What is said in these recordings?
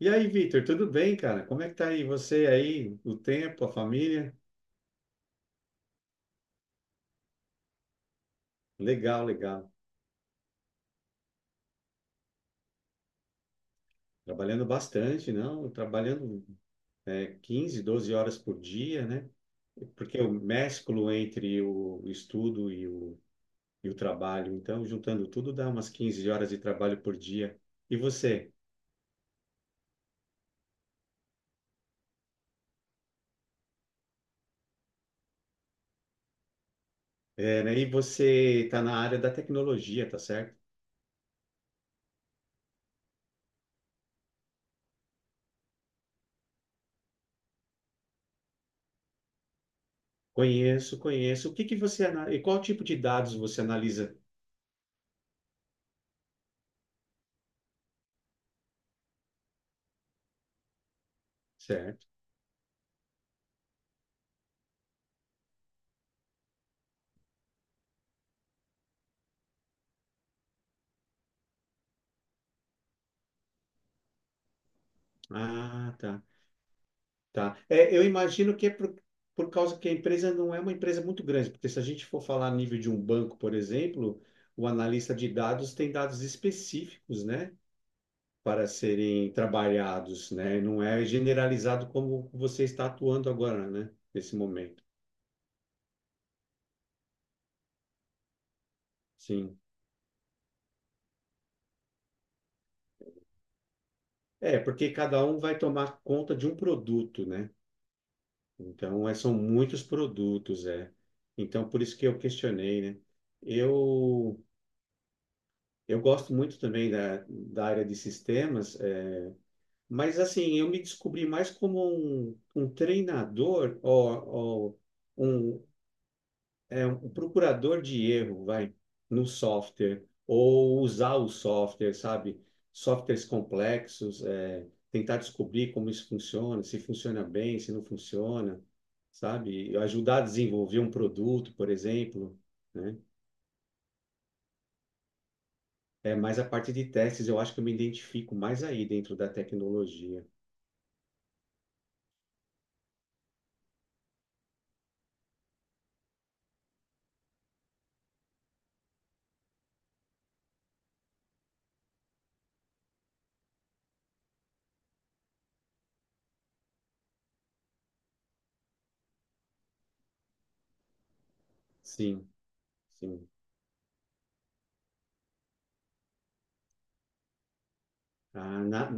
E aí, Vitor, tudo bem, cara? Como é que tá aí você aí, o tempo, a família? Legal, legal. Trabalhando bastante, não? Trabalhando 15, 12 horas por dia, né? Porque eu mesclo entre o estudo e o trabalho. Então, juntando tudo, dá umas 15 horas de trabalho por dia. E você? É, né? E você está na área da tecnologia, tá certo? Conheço, conheço. O que que e qual tipo de dados você analisa? Certo. Ah, tá. Tá. É, eu imagino que por causa que a empresa não é uma empresa muito grande, porque se a gente for falar a nível de um banco, por exemplo, o analista de dados tem dados específicos, né, para serem trabalhados, né? Não é generalizado como você está atuando agora, né, nesse momento. Sim. É, porque cada um vai tomar conta de um produto, né? Então, é, são muitos produtos, é. Então, por isso que eu questionei, né? Eu Eu gosto muito também da área de sistemas, é, mas assim, eu me descobri mais como um treinador ou um, é, um procurador de erro, vai, no software, ou usar o software, sabe? Softwares complexos, é, tentar descobrir como isso funciona, se funciona bem, se não funciona, sabe? Ajudar a desenvolver um produto, por exemplo, né? É, mas a parte de testes, eu acho que eu me identifico mais aí dentro da tecnologia. Sim, sim. Ah, na-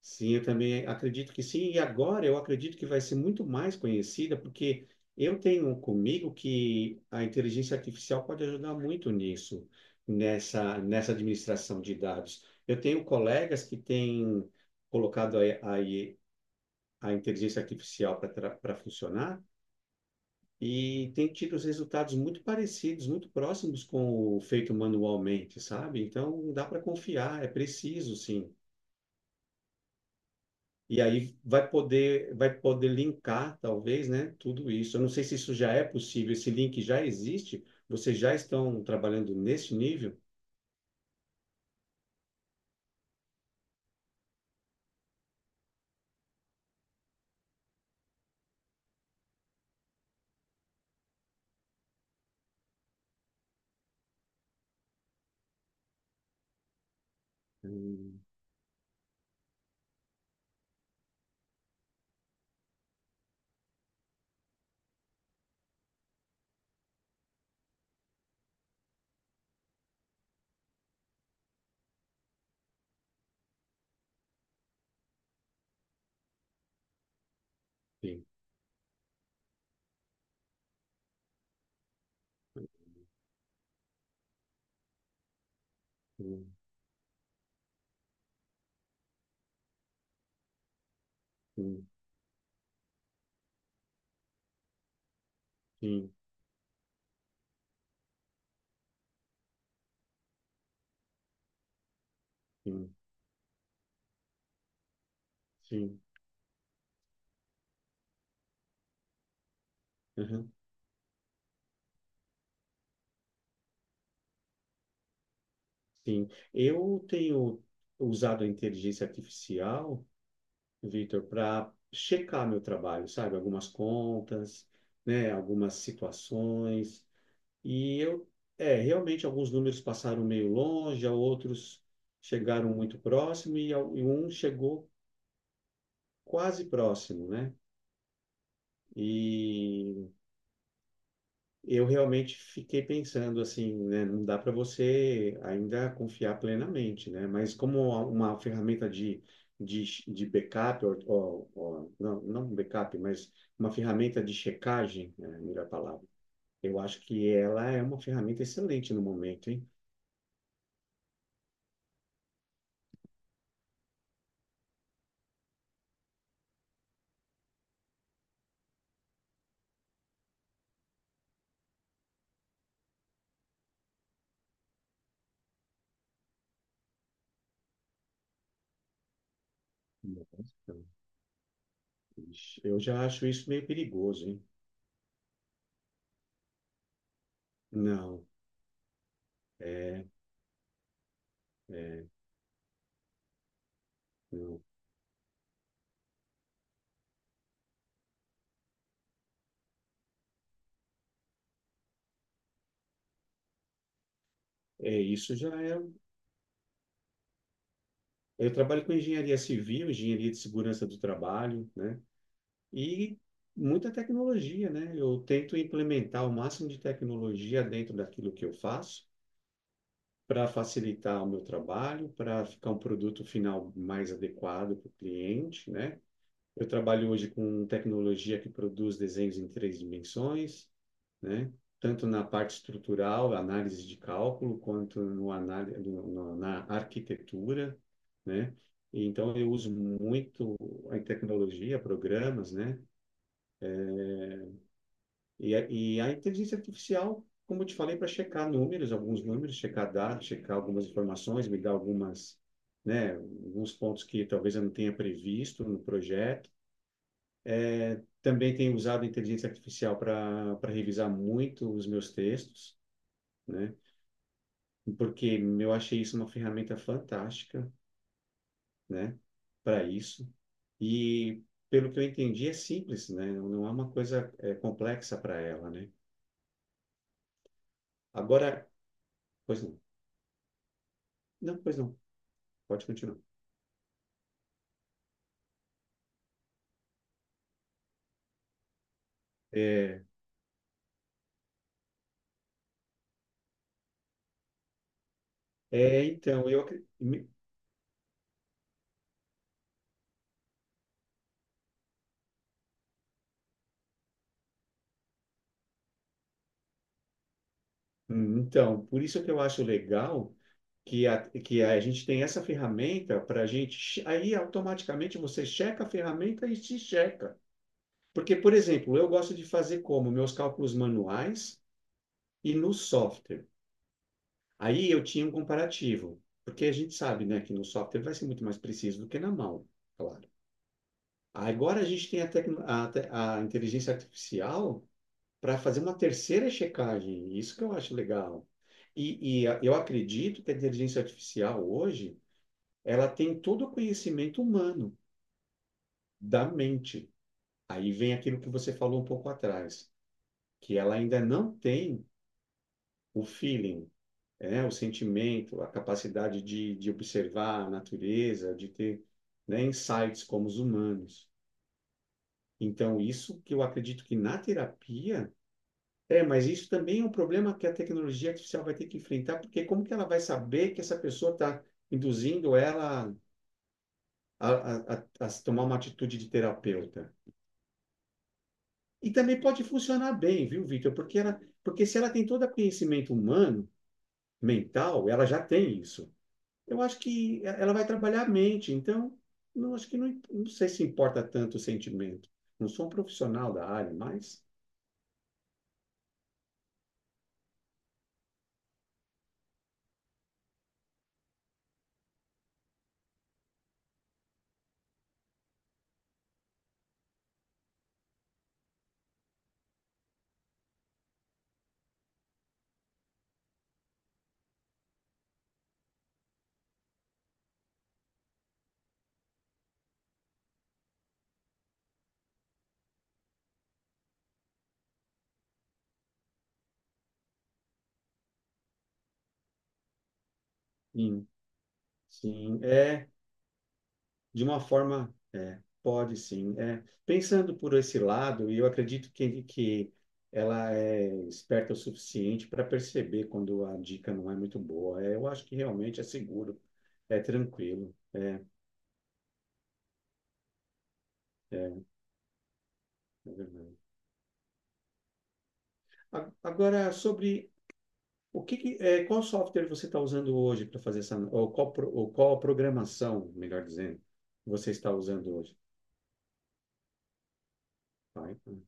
sim, eu também acredito que sim. E agora eu acredito que vai ser muito mais conhecida, porque eu tenho comigo que a inteligência artificial pode ajudar muito nisso, nessa administração de dados. Eu tenho colegas que têm colocado a, a inteligência artificial para funcionar. E tem tido os resultados muito parecidos, muito próximos com o feito manualmente, sabe? Então dá para confiar, é preciso, sim. E aí vai poder linkar, talvez, né, tudo isso. Eu não sei se isso já é possível, esse link já existe, vocês já estão trabalhando nesse nível? Hum, Sim, sim, sim, sim, sim, sim. Aham, sim. Eu tenho usado a inteligência artificial, Vitor, para checar meu trabalho, sabe? Algumas contas, né? Algumas situações. E eu, é, realmente alguns números passaram meio longe, outros chegaram muito próximo e, e um chegou quase próximo, né? E eu realmente fiquei pensando assim, né? Não dá para você ainda confiar plenamente, né? Mas como uma ferramenta de, de backup, não, não um backup, mas uma ferramenta de checagem, né? Melhor palavra. Eu acho que ela é uma ferramenta excelente no momento, hein? Nossa, ixi, eu já acho isso meio perigoso, hein? Não, é, é, não. É, isso já é. Eu trabalho com engenharia civil, engenharia de segurança do trabalho, né? E muita tecnologia, né? Eu tento implementar o máximo de tecnologia dentro daquilo que eu faço para facilitar o meu trabalho, para ficar um produto final mais adequado para o cliente, né? Eu trabalho hoje com tecnologia que produz desenhos em três dimensões, né? Tanto na parte estrutural, análise de cálculo, quanto no anál no, no, na arquitetura, né? Então, eu uso muito a tecnologia, programas, né? E a inteligência artificial, como eu te falei, para checar números, alguns números, checar dados, checar algumas informações, me dar algumas, né, alguns pontos que talvez eu não tenha previsto no projeto. Também tenho usado a inteligência artificial para revisar muito os meus textos, né, porque eu achei isso uma ferramenta fantástica, né, para isso. E pelo que eu entendi, é simples, né, não é uma coisa complexa para ela, né. Agora, pois não, não, pois não, pode continuar. É, é, então, eu, acre- me- então, por isso que eu acho legal que que a gente tem essa ferramenta para a gente, che- aí automaticamente você checa a ferramenta e se checa. Porque, por exemplo, eu gosto de fazer como? Meus cálculos manuais e no software. Aí eu tinha um comparativo, porque a gente sabe, né, que no software vai ser muito mais preciso do que na mão, claro. Agora a gente tem a, tecno- a te- a inteligência artificial para fazer uma terceira checagem. Isso que eu acho legal. Eu acredito que a inteligência artificial hoje, ela tem todo o conhecimento humano da mente. Aí vem aquilo que você falou um pouco atrás, que ela ainda não tem o feeling, né? O sentimento, a capacidade de observar a natureza, de ter, né, insights como os humanos. Então, isso que eu acredito que na terapia. É, mas isso também é um problema que a tecnologia artificial vai ter que enfrentar, porque como que ela vai saber que essa pessoa está induzindo ela a tomar uma atitude de terapeuta? E também pode funcionar bem, viu, Vitor? Porque ela, porque se ela tem todo o conhecimento humano, mental, ela já tem isso. Eu acho que ela vai trabalhar a mente, então não acho que não, não sei se importa tanto o sentimento. Não sou um profissional da área, mas sim, sim, é de uma forma, é, pode sim. É, pensando por esse lado, e eu acredito que ela é esperta o suficiente para perceber quando a dica não é muito boa. É, eu acho que realmente é seguro, é tranquilo. É, é verdade. Agora, sobre o que, que- é, qual software você está usando hoje para fazer essa, ou qual programação, melhor dizendo, você está usando hoje? Python?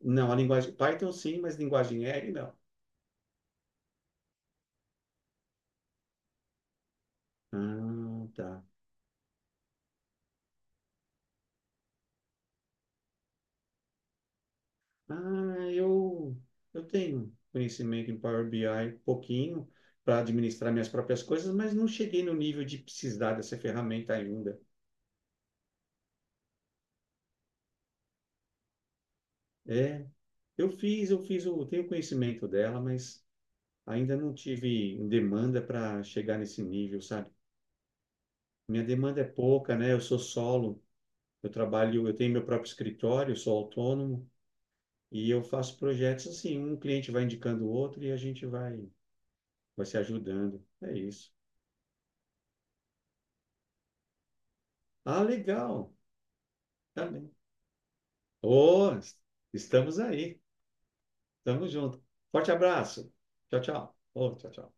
Não, a linguagem Python sim, mas linguagem R não. Ah, tá. Ah, eu tenho conhecimento em Power BI, pouquinho, para administrar minhas próprias coisas, mas não cheguei no nível de precisar dessa ferramenta ainda. É, eu fiz, eu tenho conhecimento dela, mas ainda não tive demanda para chegar nesse nível, sabe? Minha demanda é pouca, né? Eu sou solo, eu trabalho, eu tenho meu próprio escritório, sou autônomo e eu faço projetos assim, um cliente vai indicando o outro e a gente vai, vai se ajudando. É isso. Ah, legal. Tá bem. Ô, estamos aí. Tamo junto. Forte abraço. Tchau, tchau. Ô, tchau, tchau.